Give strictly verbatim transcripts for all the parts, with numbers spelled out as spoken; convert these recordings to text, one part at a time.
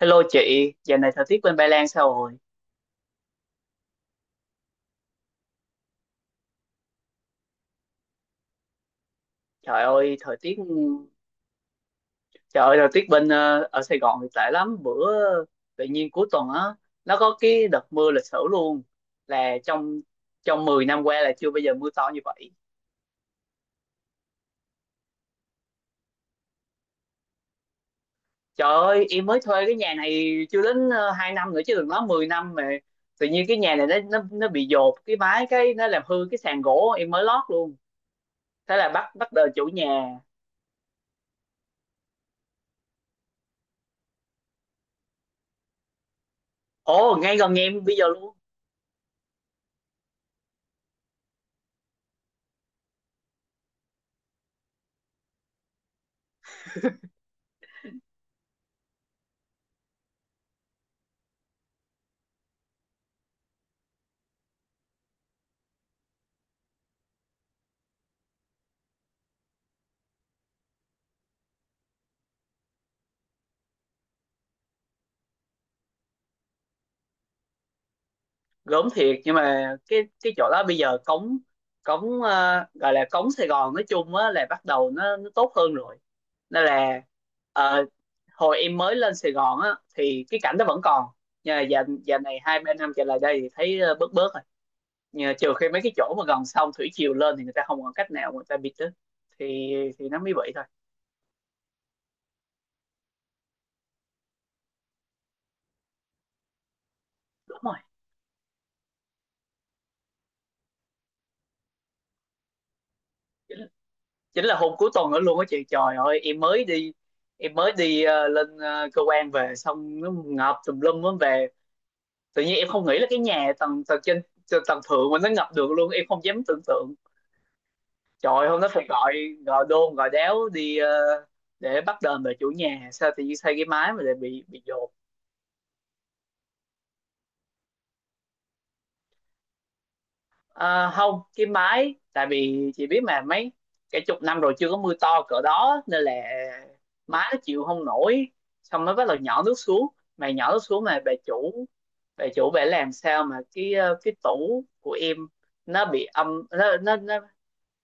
Hello chị, giờ này thời tiết bên Ba Lan sao rồi? Trời ơi, thời tiết trời ơi thời tiết bên ờ, ở Sài Gòn thì tệ lắm. Bữa tự nhiên cuối tuần á, nó có cái đợt mưa lịch sử luôn. Là trong trong mười năm qua là chưa bao giờ mưa to như vậy. Trời ơi, em mới thuê cái nhà này chưa đến ờ, hai năm nữa chứ đừng nói mười năm, mà tự nhiên cái nhà này nó nó nó bị dột cái mái, cái nó làm hư cái sàn gỗ em mới lót luôn. Thế là bắt bắt đời chủ nhà. Ồ, ngay gần nhà em bây giờ luôn. Gớm thiệt, nhưng mà cái cái chỗ đó bây giờ cống cống ờ, gọi là cống Sài Gòn nói chung á, là bắt đầu nó nó tốt hơn rồi, nên là ờ, hồi em mới lên Sài Gòn á thì cái cảnh đó vẫn còn, nhưng mà giờ giờ này hai ba năm trở lại đây thì thấy ờ, bớt bớt rồi. Nhưng mà trừ khi mấy cái chỗ mà gần sông, thủy triều lên thì người ta không còn cách nào, người ta bịt đó, thì thì nó mới bị thôi. Đúng rồi, chính là hôm cuối tuần đó luôn á chị, trời ơi, em mới đi em mới đi ờ, lên ờ, cơ quan về, xong nó ngập tùm lum á. Về tự nhiên em không nghĩ là cái nhà tầng tầng trên, tầng thượng mà nó ngập được luôn, em không dám tưởng tượng. Trời ơi, hôm đó phải gọi gọi đôn gọi đéo đi ờ, để bắt đền về chủ nhà, sao tự nhiên xây cái mái mà lại bị bị dột. Ờ, không, cái mái tại vì chị biết mà, mấy cả chục năm rồi chưa có mưa to cỡ đó nên là mái nó chịu không nổi, xong nó bắt đầu nhỏ nước xuống. Mà nhỏ nước xuống mà bà chủ bà chủ bà làm sao mà cái ờ, cái tủ của em nó bị âm, nó nó nó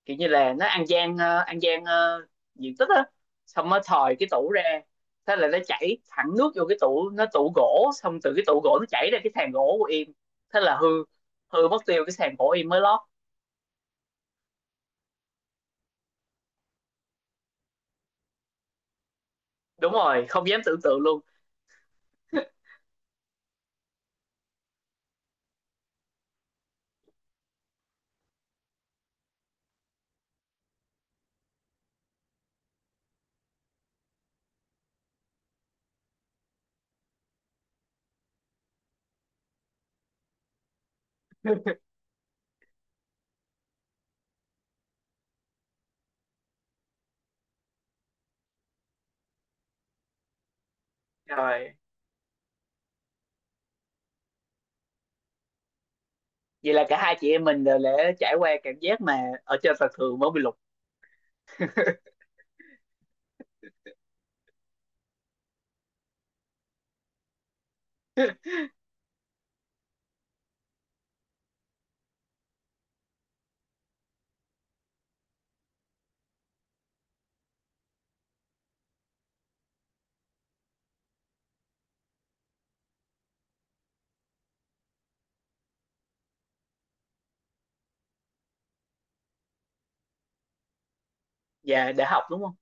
kiểu như là nó ăn gian, ờ, ăn gian ờ, diện tích á, xong nó thòi cái tủ ra. Thế là nó chảy thẳng nước vô cái tủ, nó tủ gỗ, xong từ cái tủ gỗ nó chảy ra cái sàn gỗ của em. Thế là hư hư mất tiêu cái sàn gỗ em mới lót. Đúng rồi, không dám tưởng tượng luôn. Rồi. Vậy là cả hai chị em mình đều đã trải qua cảm giác mà ở trên sàn thường mới bị lục. Và đã học đúng không?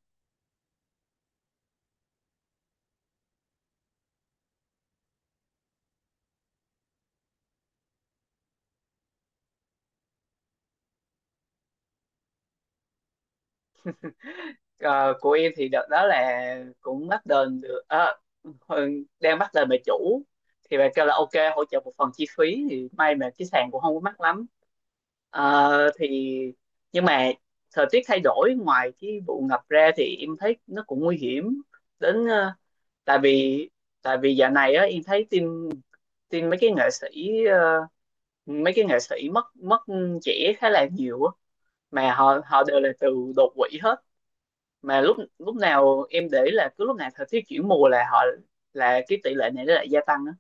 Ờ, của em thì đợt đó là cũng bắt đền được, ờ, đang bắt đền bà chủ thì bà kêu là ok, hỗ trợ một phần chi phí, thì may mà cái sàn cũng không có mắc lắm. Ờ, thì Nhưng mà thời tiết thay đổi, ngoài cái vụ ngập ra thì em thấy nó cũng nguy hiểm đến ờ, tại vì, tại vì dạo này á em thấy tin tin mấy cái nghệ sĩ ờ, mấy cái nghệ sĩ mất mất trẻ khá là nhiều á. Mà họ họ đều là từ đột quỵ hết. Mà lúc lúc nào em để ý là cứ lúc nào thời tiết chuyển mùa là họ, là cái tỷ lệ này nó lại gia tăng á.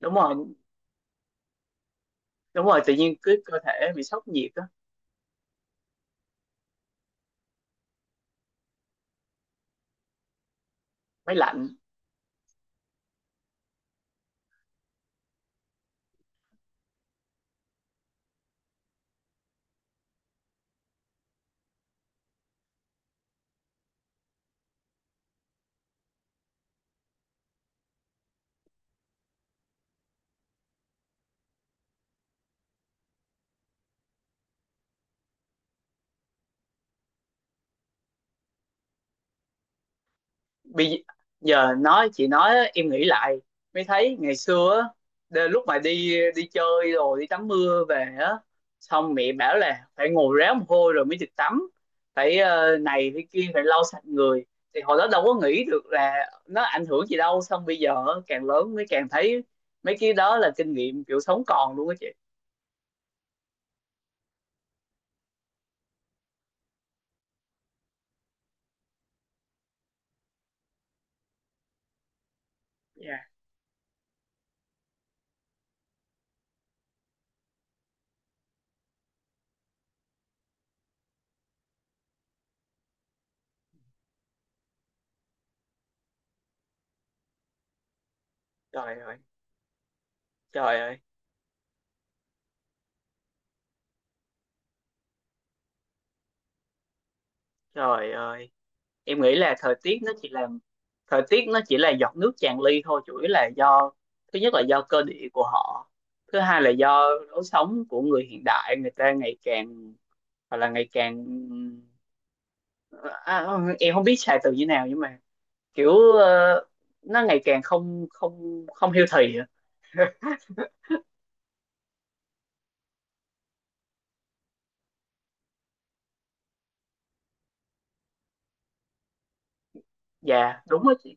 Đúng rồi, đúng rồi, tự nhiên cứ cơ thể bị sốc nhiệt á. Máy lạnh. Bây giờ nói, chị nói em nghĩ lại mới thấy ngày xưa á, đ- lúc mà đi đi chơi rồi đi tắm mưa về á, xong mẹ bảo là phải ngồi ráo mồ hôi rồi mới được tắm, phải ờ, này phải kia, phải lau sạch người, thì hồi đó đâu có nghĩ được là nó ảnh hưởng gì đâu. Xong bây giờ á, càng lớn mới càng thấy mấy cái đó là kinh nghiệm kiểu sống còn luôn á chị. Dạ. Trời ơi, trời ơi, trời ơi. Em nghĩ là thời tiết nó chỉ là thời tiết nó chỉ là giọt nước tràn ly thôi, chủ yếu là do, thứ nhất là do cơ địa của họ, thứ hai là do lối sống của người hiện đại. Người ta ngày càng, hoặc là ngày càng, à, em không biết xài từ như nào, nhưng mà kiểu ờ, nó ngày càng không không không healthy á. Dạ đúng á chị.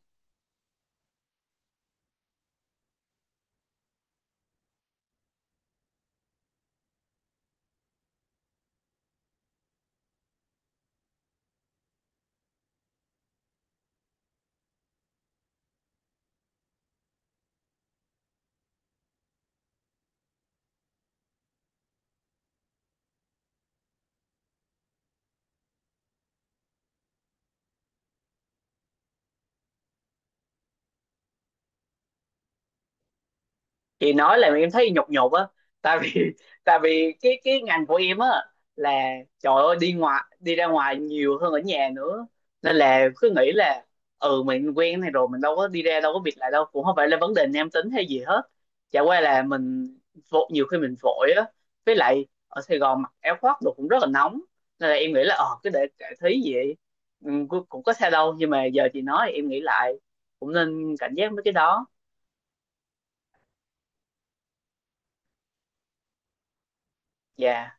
Chị nói là em thấy nhục nhục á, tại vì tại vì cái cái ngành của em á, là trời ơi, đi ngoài đi ra ngoài nhiều hơn ở nhà nữa, nên là cứ nghĩ là ừ mình quen này rồi, mình đâu có đi ra đâu có việc lại đâu, cũng không phải là vấn đề nam tính hay gì hết, chả qua là mình vội, nhiều khi mình vội á, với lại ở Sài Gòn mặc áo khoác đồ cũng rất là nóng, nên là em nghĩ là ờ cái để cải thí vậy, ừ, cũng cũng có sao đâu. Nhưng mà giờ chị nói em nghĩ lại cũng nên cảnh giác với cái đó. Dạ.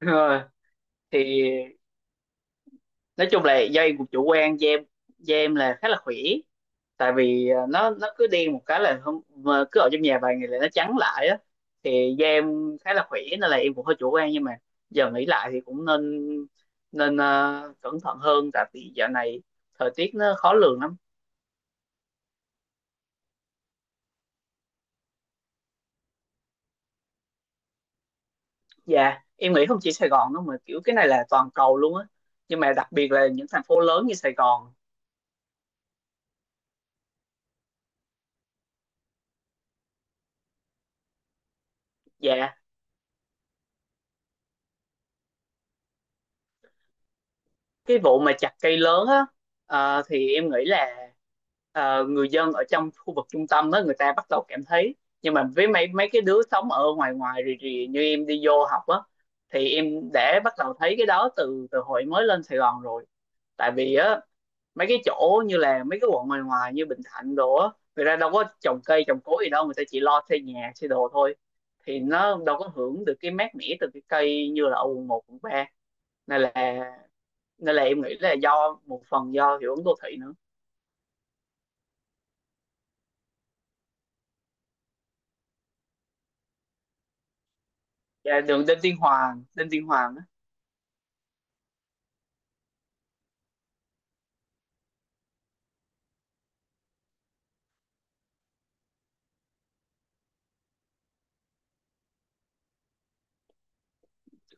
Thì nói chung là do em cũng chủ quan, da em da em là khá là khỏe, tại vì ờ, nó nó cứ đen một cái là không, mà cứ ở trong nhà vài ngày là nó trắng lại á. Thì da em khá là khỏe, nên là em cũng hơi chủ quan, nhưng mà giờ nghĩ lại thì cũng nên, nên ờ, cẩn thận hơn, tại vì dạo này thời tiết nó khó lường lắm. Dạ em nghĩ không chỉ Sài Gòn đâu mà kiểu cái này là toàn cầu luôn á, nhưng mà đặc biệt là những thành phố lớn như Sài Gòn. Dạ, cái vụ mà chặt cây lớn á, ờ, thì em nghĩ là ờ, người dân ở trong khu vực trung tâm đó người ta bắt đầu cảm thấy. Nhưng mà với mấy mấy cái đứa sống ở ngoài ngoài rì rì như em đi vô học á, thì em đã bắt đầu thấy cái đó từ từ hồi mới lên Sài Gòn rồi. Tại vì á, mấy cái chỗ như là mấy cái quận ngoài ngoài như Bình Thạnh đồ á, người ta đâu có trồng cây trồng cối gì đâu, người ta chỉ lo xây nhà xây đồ thôi, thì nó đâu có hưởng được cái mát mẻ từ cái cây như là ở quận một, quận ba. Nên là nên là em nghĩ là do một phần do hiệu ứng đô thị nữa. Dạ, đường Đinh Tiên Hoàng, Đinh Tiên Hoàng á.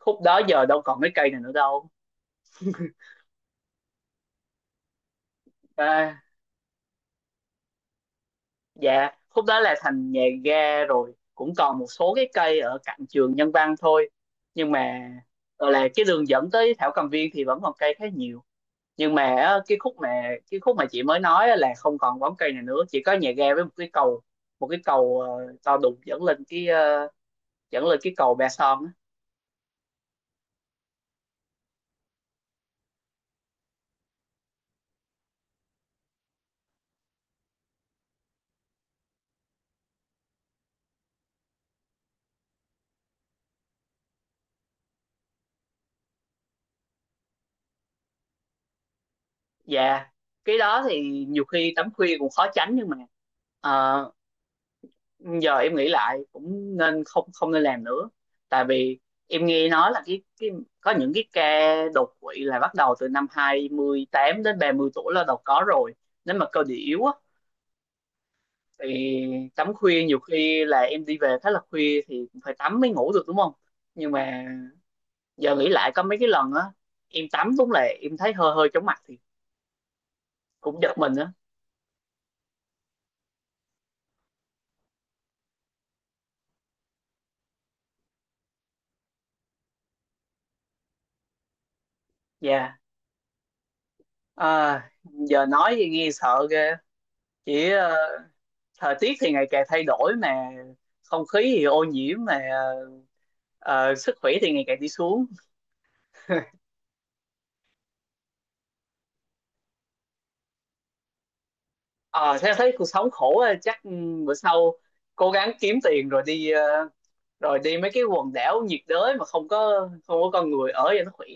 Khúc đó giờ đâu còn cái cây này nữa đâu. À, dạ khúc đó là thành nhà ga rồi, cũng còn một số cái cây ở cạnh trường Nhân Văn thôi, nhưng mà gọi là cái đường dẫn tới Thảo Cầm Viên thì vẫn còn cây khá nhiều. Nhưng mà á, cái khúc mà cái khúc mà chị mới nói á là không còn bóng cây này nữa, chỉ có nhà ga với một cái cầu một cái cầu ờ, to đùng dẫn lên cái ờ, dẫn lên cái cầu Ba Son á. Dạ, cái đó thì nhiều khi tắm khuya cũng khó tránh, nhưng mà ờ, giờ em nghĩ lại cũng nên, không, không nên làm nữa. Tại vì em nghe nói là cái cái có những cái ca đột quỵ là bắt đầu từ năm hai mươi tám đến ba mươi tuổi là đầu có rồi. Nếu mà cơ địa yếu á thì tắm khuya, nhiều khi là em đi về khá là khuya thì cũng phải tắm mới ngủ được đúng không? Nhưng mà giờ nghĩ lại có mấy cái lần á em tắm, đúng là em thấy hơi hơi chóng mặt thì cũng giật mình á. Dạ. À, giờ nói thì nghe sợ ghê. Chỉ ờ, thời tiết thì ngày càng thay đổi mà không khí thì ô nhiễm, mà ờ, sức khỏe thì ngày càng đi xuống. ờ Thế thấy cuộc sống khổ á, chắc ừ, bữa sau cố gắng kiếm tiền rồi đi ờ, rồi đi mấy cái quần đảo nhiệt đới mà không có không có con người ở cho nó khỏe.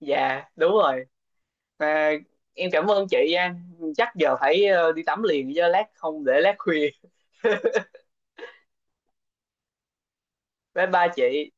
Dạ đúng rồi. Mà em cảm ơn chị nha, chắc giờ phải ờ, đi tắm liền, chứ lát không để lát khuya. Bye bye chị.